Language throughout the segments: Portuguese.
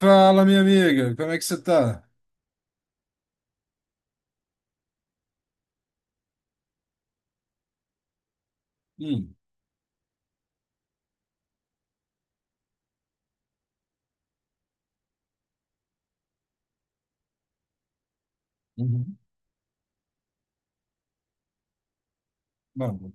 Fala, minha amiga, como é que você tá? Hum. Uhum. Não.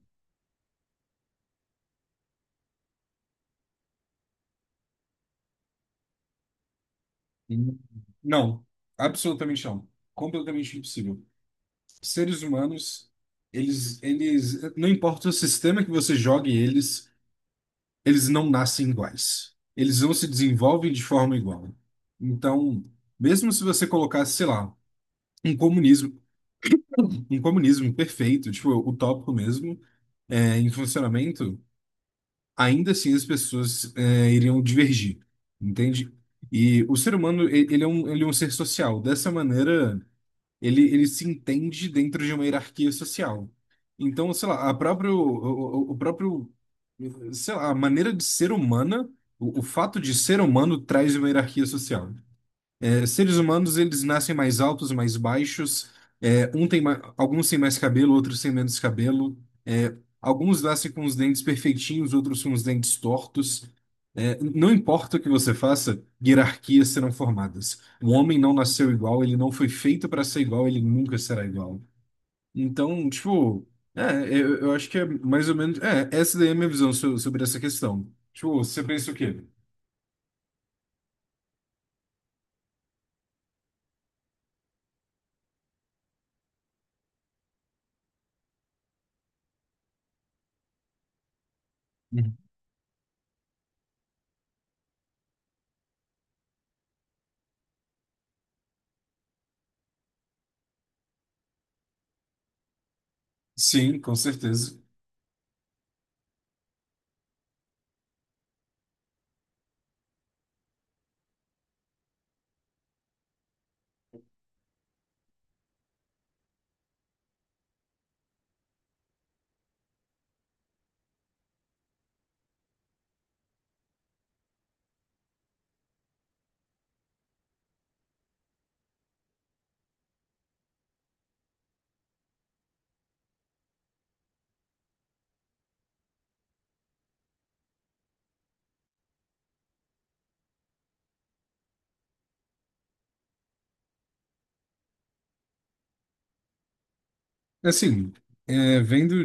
Uhum. Não, absolutamente não. Completamente impossível. Seres humanos, eles, não importa o sistema que você jogue eles, eles não nascem iguais. Eles não se desenvolvem de forma igual. Então, mesmo se você colocasse, sei lá, um comunismo, um comunismo perfeito, tipo, utópico mesmo, em funcionamento, ainda assim as pessoas iriam divergir, entende? E o ser humano, ele é um ser social. Dessa maneira, ele se entende dentro de uma hierarquia social. Então, sei lá, o próprio, sei lá, a maneira de ser humana, o fato de ser humano traz uma hierarquia social. Seres humanos, eles nascem mais altos, mais baixos. Alguns têm mais cabelo, outros têm menos cabelo. É, Alguns nascem com os dentes perfeitinhos, outros com os dentes tortos. Não importa o que você faça, hierarquias serão formadas. O homem não nasceu igual, ele não foi feito para ser igual, ele nunca será igual. Então, tipo, eu acho que é mais ou menos. Essa daí é a minha visão sobre essa questão. Tipo, você pensa o quê? Uhum. Sim, com certeza. Assim, vendo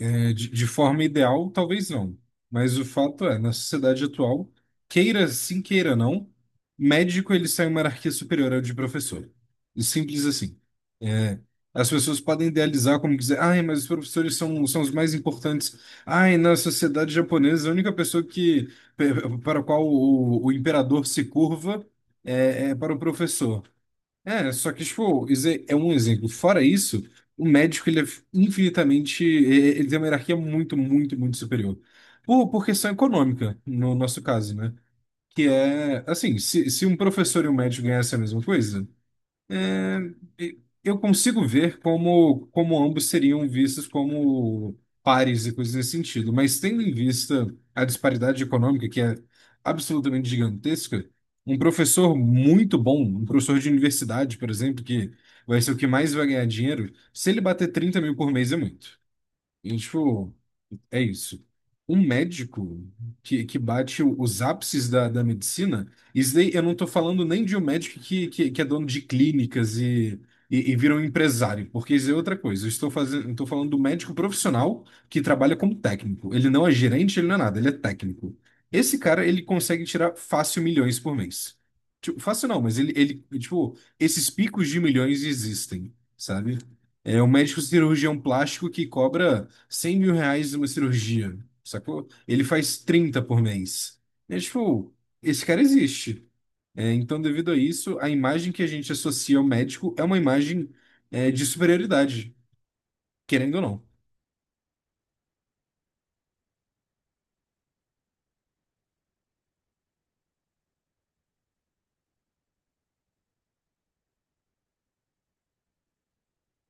é, de forma ideal, talvez não. Mas o fato é, na sociedade atual, queira sim, queira não, médico ele sai uma hierarquia superior ao de professor. E simples assim. É, As pessoas podem idealizar como quiser. Ai, mas os professores são os mais importantes. Ai, na sociedade japonesa, a única pessoa que, para a qual o imperador se curva é para o professor. Só que, tipo, isso é um exemplo. Fora isso, o médico, ele é infinitamente, ele tem uma hierarquia muito, muito, muito superior. Por questão econômica, no nosso caso, né? Que é, assim, se um professor e um médico ganhassem a mesma coisa, é, eu consigo ver como ambos seriam vistos como pares e coisas nesse sentido, mas tendo em vista a disparidade econômica, que é absolutamente gigantesca, um professor muito bom, um professor de universidade, por exemplo, que vai ser o que mais vai ganhar dinheiro, se ele bater 30 mil por mês é muito. E, tipo, é isso. Um médico que bate os ápices da medicina, isso daí eu não tô falando nem de um médico que é dono de clínicas e, e vira um empresário, porque isso é outra coisa. Estou falando do médico profissional que trabalha como técnico. Ele não é gerente, ele não é nada, ele é técnico. Esse cara, ele consegue tirar fácil milhões por mês. Tipo, fácil não, mas ele, tipo, esses picos de milhões existem, sabe? É um médico cirurgião plástico que cobra 100 mil reais uma cirurgia, sacou? Ele faz 30 por mês. É tipo, esse cara existe. Então, devido a isso, a imagem que a gente associa ao médico é uma imagem, de superioridade, querendo ou não.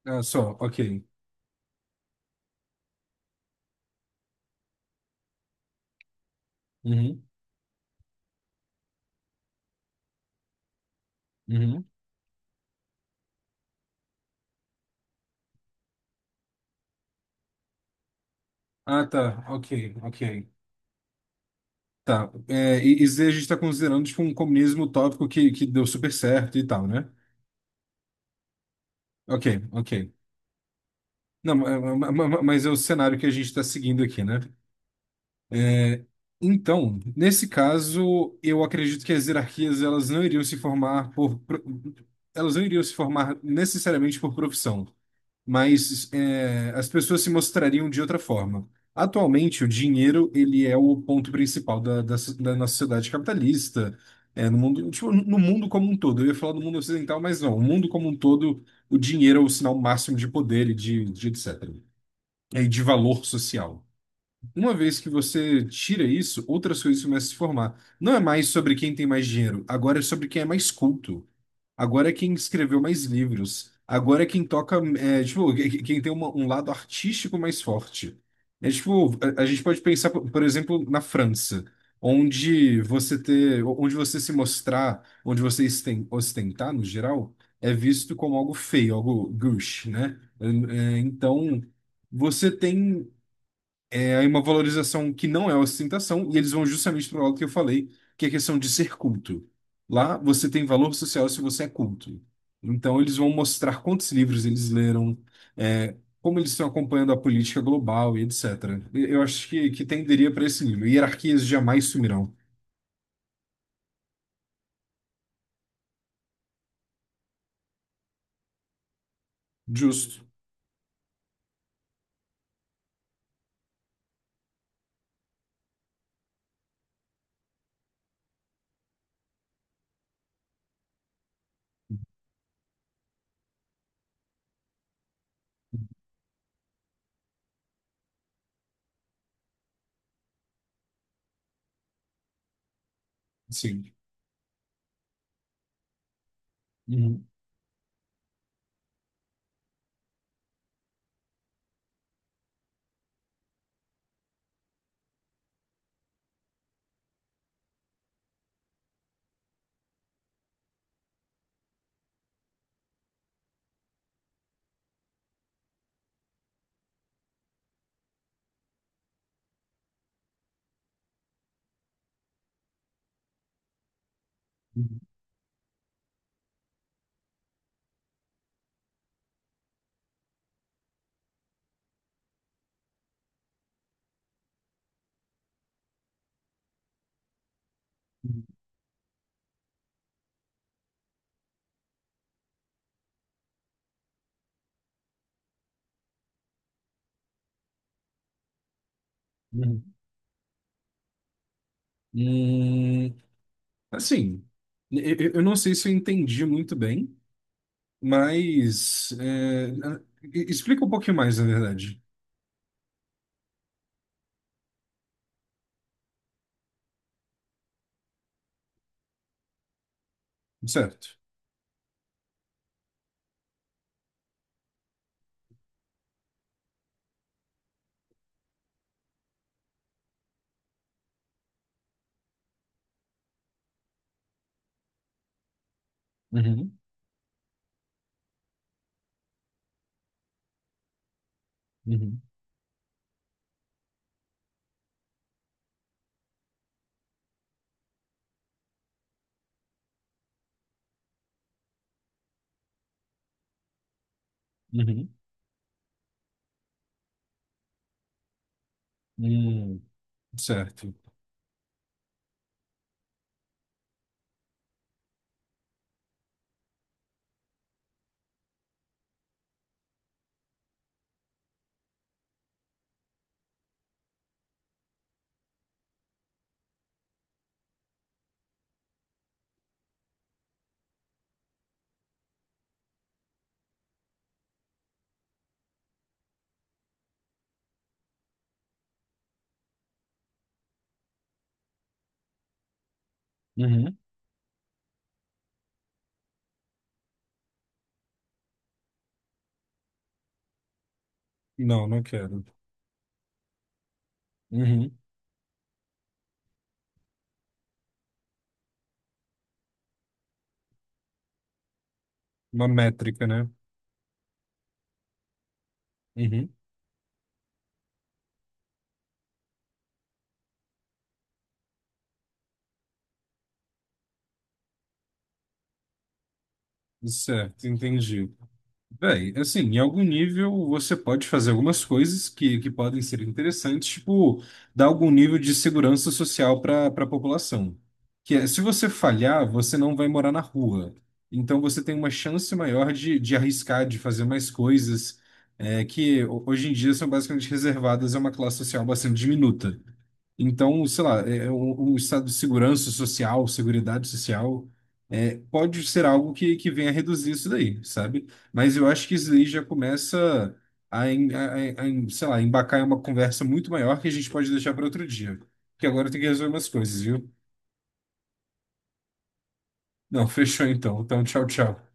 Ah, só, ok. Uhum, uhum. Ah, tá, ok, ok. Tá, isso aí a gente está considerando tipo, um comunismo utópico que deu super certo e tal, né? Ok, ok. Não, mas é o cenário que a gente está seguindo aqui, né? Então, nesse caso, eu acredito que as hierarquias elas não iriam se formar elas não iriam se formar necessariamente por profissão, mas as pessoas se mostrariam de outra forma. Atualmente, o dinheiro ele é o ponto principal da nossa sociedade capitalista, no mundo, tipo, no mundo como um todo. Eu ia falar do mundo ocidental, mas não. O mundo como um todo, o dinheiro é o sinal máximo de poder e de etc. E de valor social. Uma vez que você tira isso, outras coisas começam a se formar. Não é mais sobre quem tem mais dinheiro, agora é sobre quem é mais culto. Agora é quem escreveu mais livros. Agora é quem toca, tipo, quem tem um lado artístico mais forte. É tipo, a gente pode pensar, por exemplo, na França, onde você ter, onde você se mostrar, onde você ostentar, no geral, é visto como algo feio, algo gauche, né? Então, você tem. É uma valorização que não é ostentação, e eles vão justamente para o lado que eu falei, que é a questão de ser culto. Lá você tem valor social se você é culto. Então eles vão mostrar quantos livros eles leram, é, como eles estão acompanhando a política global e etc. E eu acho que tenderia para esse livro. Hierarquias jamais sumirão. Justo. Sim. Uhum, uhum, uhum, uhum. Hum, assim, eu não sei se eu entendi muito bem. Mas explica um pouquinho mais, na verdade. Certo. Uhum, uhum, uhum, uhum. Certo. Uhum. Não, não quero. Uhum. Uma métrica, né? Uhum. Certo, entendi. Bem, assim, em algum nível você pode fazer algumas coisas que podem ser interessantes, tipo, dar algum nível de segurança social para a população. Que é, se você falhar, você não vai morar na rua. Então você tem uma chance maior de arriscar, de fazer mais coisas, que hoje em dia são basicamente reservadas a uma classe social bastante diminuta. Então, sei lá, o estado de segurança social, seguridade social, pode ser algo que venha a reduzir isso daí, sabe? Mas eu acho que isso daí já começa a, sei lá, embacar em uma conversa muito maior que a gente pode deixar para outro dia. Porque agora eu tenho que resolver umas coisas, viu? Não, fechou então. Então, tchau, tchau.